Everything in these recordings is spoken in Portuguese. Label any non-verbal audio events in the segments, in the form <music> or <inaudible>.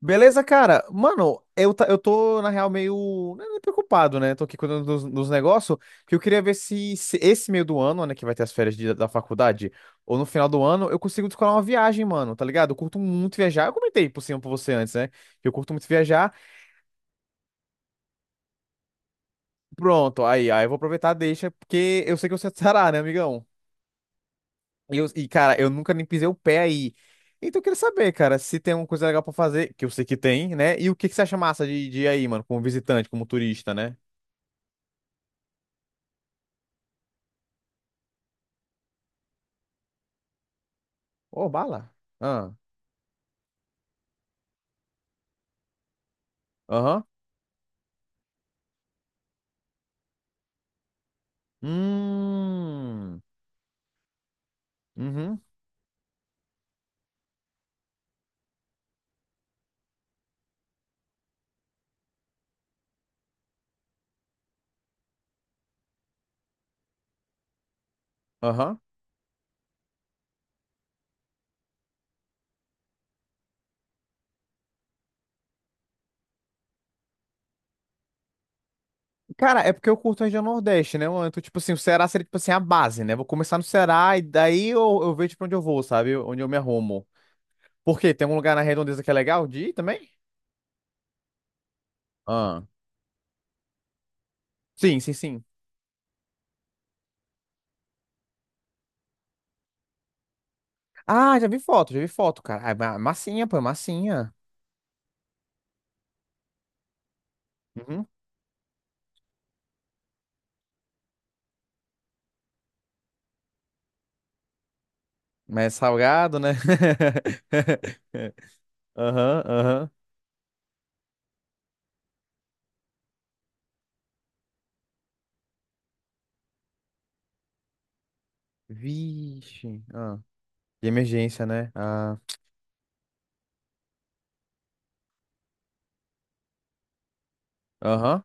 Beleza, cara? Mano, eu tô, na real, meio né, preocupado, né? Tô aqui cuidando dos negócios, que eu queria ver se esse meio do ano, né, que vai ter as férias da faculdade, ou no final do ano, eu consigo descolar uma viagem, mano, tá ligado? Eu curto muito viajar. Eu comentei por cima pra você antes, né? Que eu curto muito viajar. Pronto, aí eu vou aproveitar, deixa, porque eu sei que você <laughs> estará, né, amigão? E, cara, eu nunca nem pisei o pé aí. Então eu queria saber, cara, se tem alguma coisa legal pra fazer, que eu sei que tem, né? E o que, que você acha massa de ir aí, mano, como visitante, como turista, né? Ô, bala. Ah, aham. Hum. Uhum. Aham. Cara, é porque eu curto a região Nordeste, né, mano? Então, tipo assim, o Ceará seria, tipo assim, a base, né? Vou começar no Ceará e daí eu vejo pra onde eu vou, sabe? Onde eu me arrumo. Por quê? Tem algum lugar na Redondeza que é legal de ir também? Ah. Sim, sim, sim. Ah, já vi foto, cara. Ah, é massinha, pô, é massinha. Uhum. Mas é salgado, né? <laughs> Aham, aham. Vixe. Ah. De emergência, né? Ah. Aham.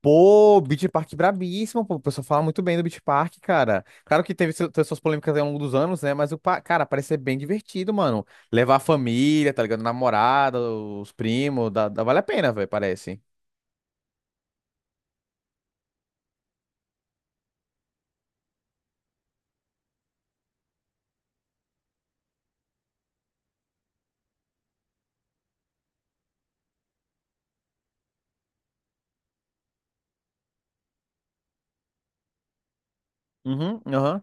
Pô, Beach Park brabíssimo, pô. O pessoal fala muito bem do Beach Park, cara. Claro que teve suas polêmicas aí ao longo dos anos, né? Mas o, cara, parece ser bem divertido, mano. Levar a família, tá ligado? Namorada, os primos, vale a pena, velho, parece. Uhum, aham.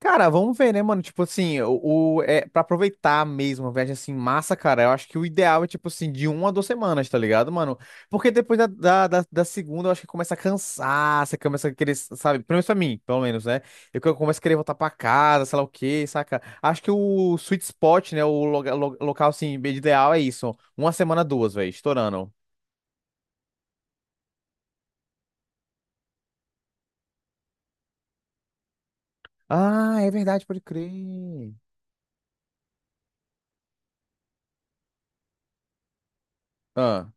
Cara, vamos ver, né, mano? Tipo assim, pra aproveitar mesmo uma viagem assim, massa, cara, eu acho que o ideal é, tipo assim, de uma a duas semanas, tá ligado, mano? Porque depois da segunda, eu acho que começa a cansar, você começa a querer, sabe? Pelo menos pra mim, pelo menos, né? Eu começo a querer voltar pra casa, sei lá o quê, saca? Acho que o sweet spot, né, o local, assim, ideal é isso. Uma semana, duas, velho, estourando. Ah, é verdade, pode crer. Ah,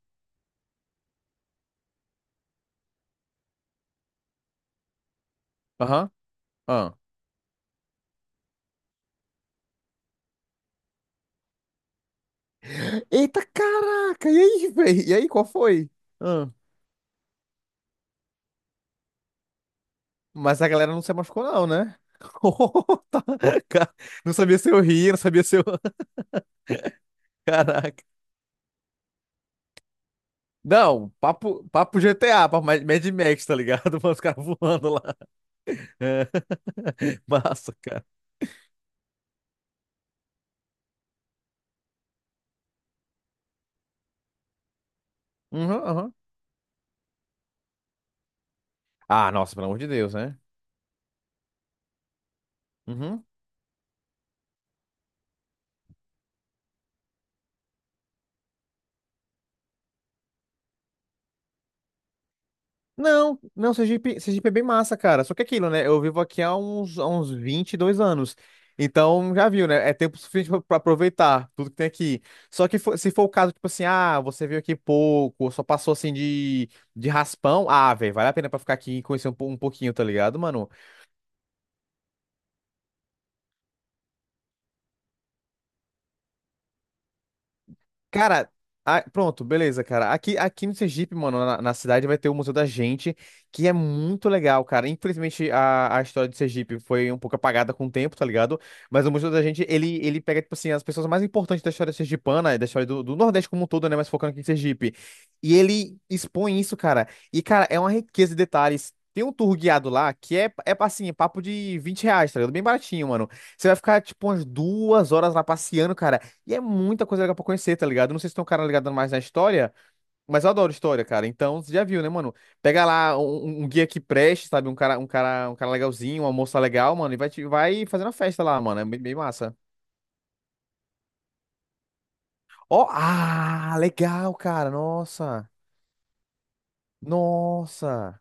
aham. Eita, caraca! E aí, velho? E aí, qual foi? Hã? Mas a galera não se machucou, não, né? <laughs> Oh. Tá, ca- Não sabia se eu ria, não sabia se eu. <laughs> Caraca. Não, papo, papo GTA, papo Mad Max, tá ligado? <laughs> Os caras voando lá. É. <laughs> Massa, cara. Uhum, uhum. Ah, nossa, pelo amor de Deus, né? Uhum. Não, não, Sergipe, Sergipe é bem massa, cara. Só que é aquilo, né? Eu vivo aqui há uns 22 anos. Então, já viu, né? É tempo suficiente pra pra aproveitar tudo que tem aqui. Só que se for o caso, tipo assim, ah, você veio aqui pouco, só passou assim de, raspão. Ah, velho, vale a pena pra ficar aqui e conhecer um pouquinho, tá ligado, mano? Cara, pronto, beleza, cara. Aqui, aqui no Sergipe, mano, na cidade vai ter o Museu da Gente, que é muito legal, cara. Infelizmente, a história do Sergipe foi um pouco apagada com o tempo, tá ligado? Mas o Museu da Gente, ele pega, tipo assim, as pessoas mais importantes da história sergipana, da história do Nordeste como um todo, né? Mas focando aqui em Sergipe. E ele expõe isso, cara. E, cara, é uma riqueza de detalhes. Tem um tour guiado lá que é, é assim, é papo de 20 reais, tá ligado? Bem baratinho, mano. Você vai ficar, tipo, umas duas horas lá passeando, cara. E é muita coisa legal pra conhecer, tá ligado? Eu não sei se tem um cara ligado mais na história, mas eu adoro história, cara. Então, você já viu, né, mano? Pega lá um guia que preste, sabe? Um cara legalzinho, uma moça legal, mano, e vai, vai fazendo a festa lá, mano. É bem, bem massa. Ó, ah, legal, cara. Nossa. Nossa.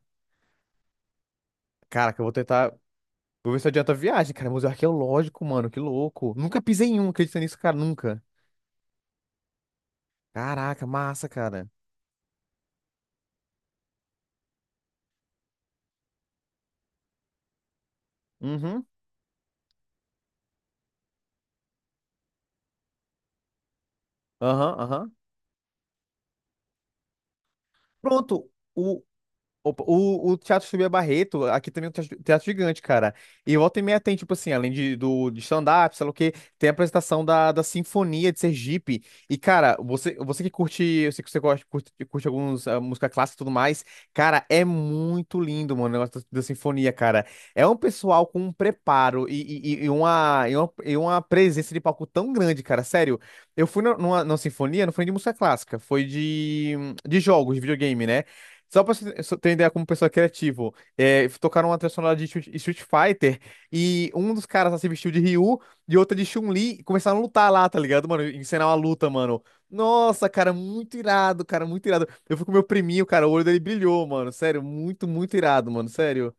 Cara, que eu vou tentar. Vou ver se adianta a viagem, cara. Museu arqueológico, mano. Que louco. Nunca pisei em um, acredita nisso, cara. Nunca. Caraca, massa, cara. Uhum. Aham, aham. Pronto. O, Opa. O Teatro Subia Barreto, aqui também é um teatro, teatro gigante, cara. E volta e meia tem, tipo assim, além de, do, de stand-up, sei lá o quê, tem a apresentação da Sinfonia de Sergipe. E, cara, você, você que curte, eu sei que você gosta, curte, curte alguns ah, música clássica e tudo mais, cara, é muito lindo, mano, o negócio da Sinfonia, cara. É um pessoal com um preparo e uma presença de palco tão grande, cara, sério. Eu fui numa Sinfonia, não foi de música clássica, foi de, jogos, de videogame, né? Só pra você ter só ter ideia como pessoa criativo, é, tocaram uma trilha sonora de Street Fighter e um dos caras lá se vestiu de Ryu e outro de Chun-Li e começaram a lutar lá, tá ligado, mano? Encenar uma luta, mano. Nossa, cara, muito irado, cara, muito irado. Eu fui com meu priminho, cara, o olho dele brilhou, mano. Sério, muito, muito irado, mano, sério.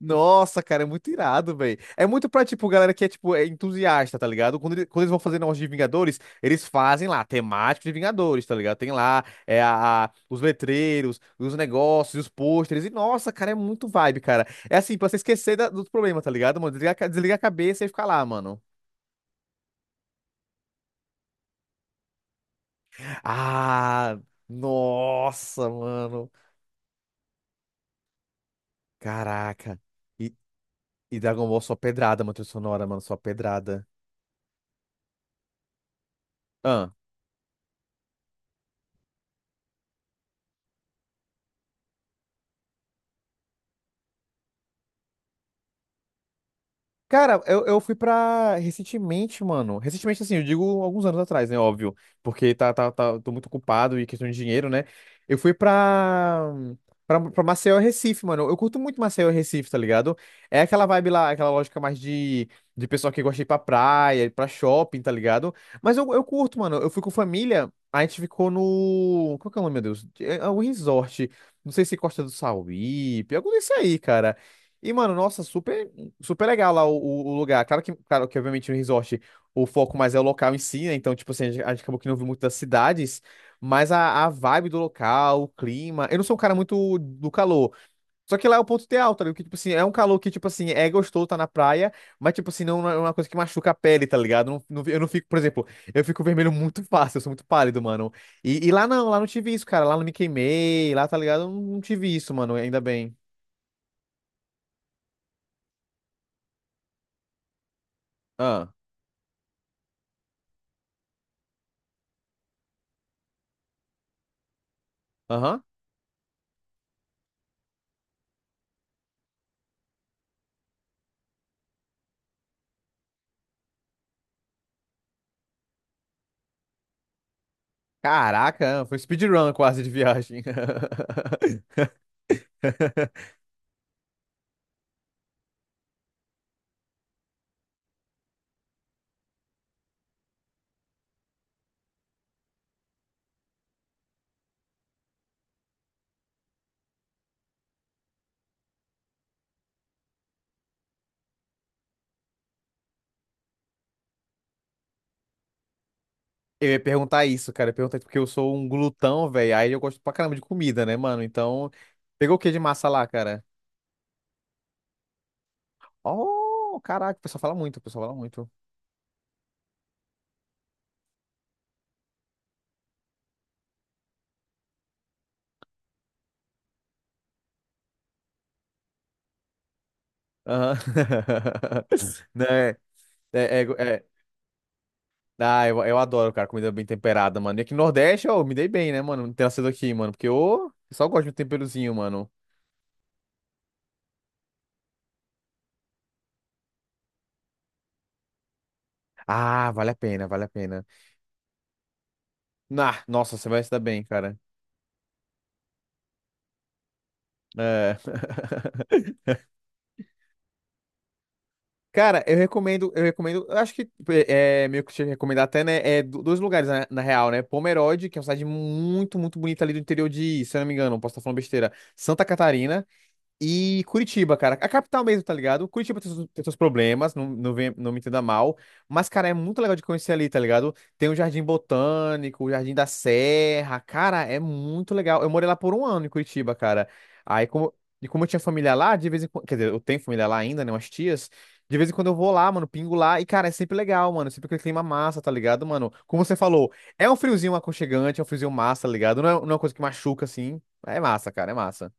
Nossa, cara, é muito irado, velho. É muito pra, tipo, galera que é, tipo, é entusiasta, tá ligado? Quando, quando eles vão fazer negócio de Vingadores, eles fazem lá, temático de Vingadores, tá ligado? Tem lá é, a, os letreiros, os negócios, os pôsteres. E, nossa, cara, é muito vibe, cara. É assim, pra você esquecer dos problemas, tá ligado, mano? Desliga, a cabeça e fica lá, mano. Ah, nossa, mano. Caraca. E, e Dragon Ball só pedrada, mano, trilha sonora, mano, só pedrada. Cara, eu fui pra recentemente, mano. Recentemente, assim, eu digo alguns anos atrás, né? Óbvio. Porque tá, tá, tá, tô muito ocupado e questão de dinheiro, né? Eu fui pra, pra Maceió e Recife, mano. Eu curto muito Maceió e Recife, tá ligado? É aquela vibe lá, aquela lógica mais de pessoal que gosta de ir pra praia, pra shopping, tá ligado? Mas eu curto, mano. Eu fui com família, a gente ficou no. Qual que é o nome, meu Deus? É, é um resort. Não sei se Costa do Sauípe, algo desse aí, cara. E, mano, nossa, super. Super legal lá o, o lugar. Claro que, obviamente, no resort o foco mais é o local em si, né? Então, tipo assim, a gente acabou que não viu muito das cidades, mas a vibe do local, o clima. Eu não sou um cara muito do calor. Só que lá é o ponto de alta, tá ligado? Que, tipo assim, é um calor que, tipo assim, é gostoso tá na praia, mas, tipo assim, não é uma coisa que machuca a pele, tá ligado? Eu não fico, por exemplo, eu fico vermelho muito <laughs> fácil, eu sou muito pálido, mano. E lá não tive isso, cara. Lá não me queimei, lá, tá ligado? Eu não, não tive isso, mano, ainda bem. Ah, aham. Caraca, foi speedrun quase de viagem. <laughs> Eu ia perguntar isso, cara. Eu ia perguntar isso porque eu sou um glutão, velho. Aí eu gosto pra caramba de comida, né, mano? Então, pegou o que de massa lá, cara? Oh, caraca, o pessoal fala muito, o pessoal fala muito. Aham. <laughs> Né? É, ah, eu adoro, cara, comida bem temperada, mano. E aqui no Nordeste, eu me dei bem, né, mano? Ter nascido aqui, mano. Porque eu só gosto de um temperozinho, mano. Ah, vale a pena, vale a pena. Ah, nossa, você vai se dar bem, cara. É. <laughs> Cara, eu recomendo, eu acho que é meio que te recomendar até, né? É dois lugares na, na real, né? Pomerode, que é uma cidade muito, muito bonita ali do interior de, se eu não me engano, posso estar falando besteira, Santa Catarina. E Curitiba, cara, a capital mesmo, tá ligado? Curitiba tem seus problemas, não, não, não me entenda mal, mas, cara, é muito legal de conhecer ali, tá ligado? Tem o Jardim Botânico, o Jardim da Serra, cara, é muito legal. Eu morei lá por um ano em Curitiba, cara. Aí, como, e como eu tinha família lá, de vez em quando, quer dizer, eu tenho família lá ainda, né, umas tias, de vez em quando eu vou lá, mano, pingo lá, e, cara, é sempre legal, mano, sempre aquele clima massa, tá ligado, mano? Como você falou, é um friozinho aconchegante, é um friozinho massa, tá ligado? Não é, não é uma coisa que machuca, assim, é massa, cara, é massa.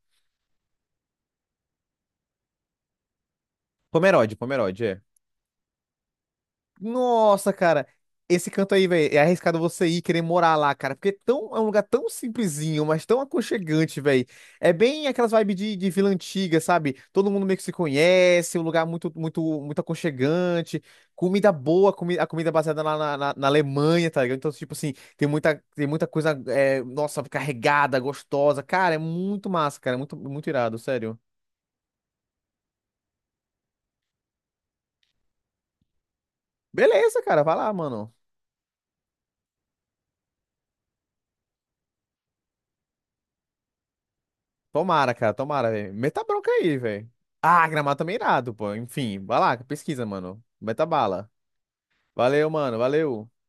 Pomerode, Pomerode, é. Nossa, cara. Esse canto aí, velho, é arriscado você ir querer morar lá, cara. Porque é, tão, é um lugar tão simplesinho, mas tão aconchegante, velho. É bem aquelas vibes de vila antiga, sabe? Todo mundo meio que se conhece, um lugar muito, muito, muito aconchegante. Comida boa, comi a comida baseada lá na, na Alemanha, tá ligado? Então, tipo assim, tem muita coisa, é, nossa, carregada, gostosa. Cara, é muito massa, cara. É muito, muito irado, sério. Beleza, cara, vai lá, mano. Tomara, cara, tomara, velho. Meta bronca aí, velho. Ah, Gramado também é irado, pô. Enfim, vai lá, pesquisa, mano. Meta bala. Valeu, mano, valeu.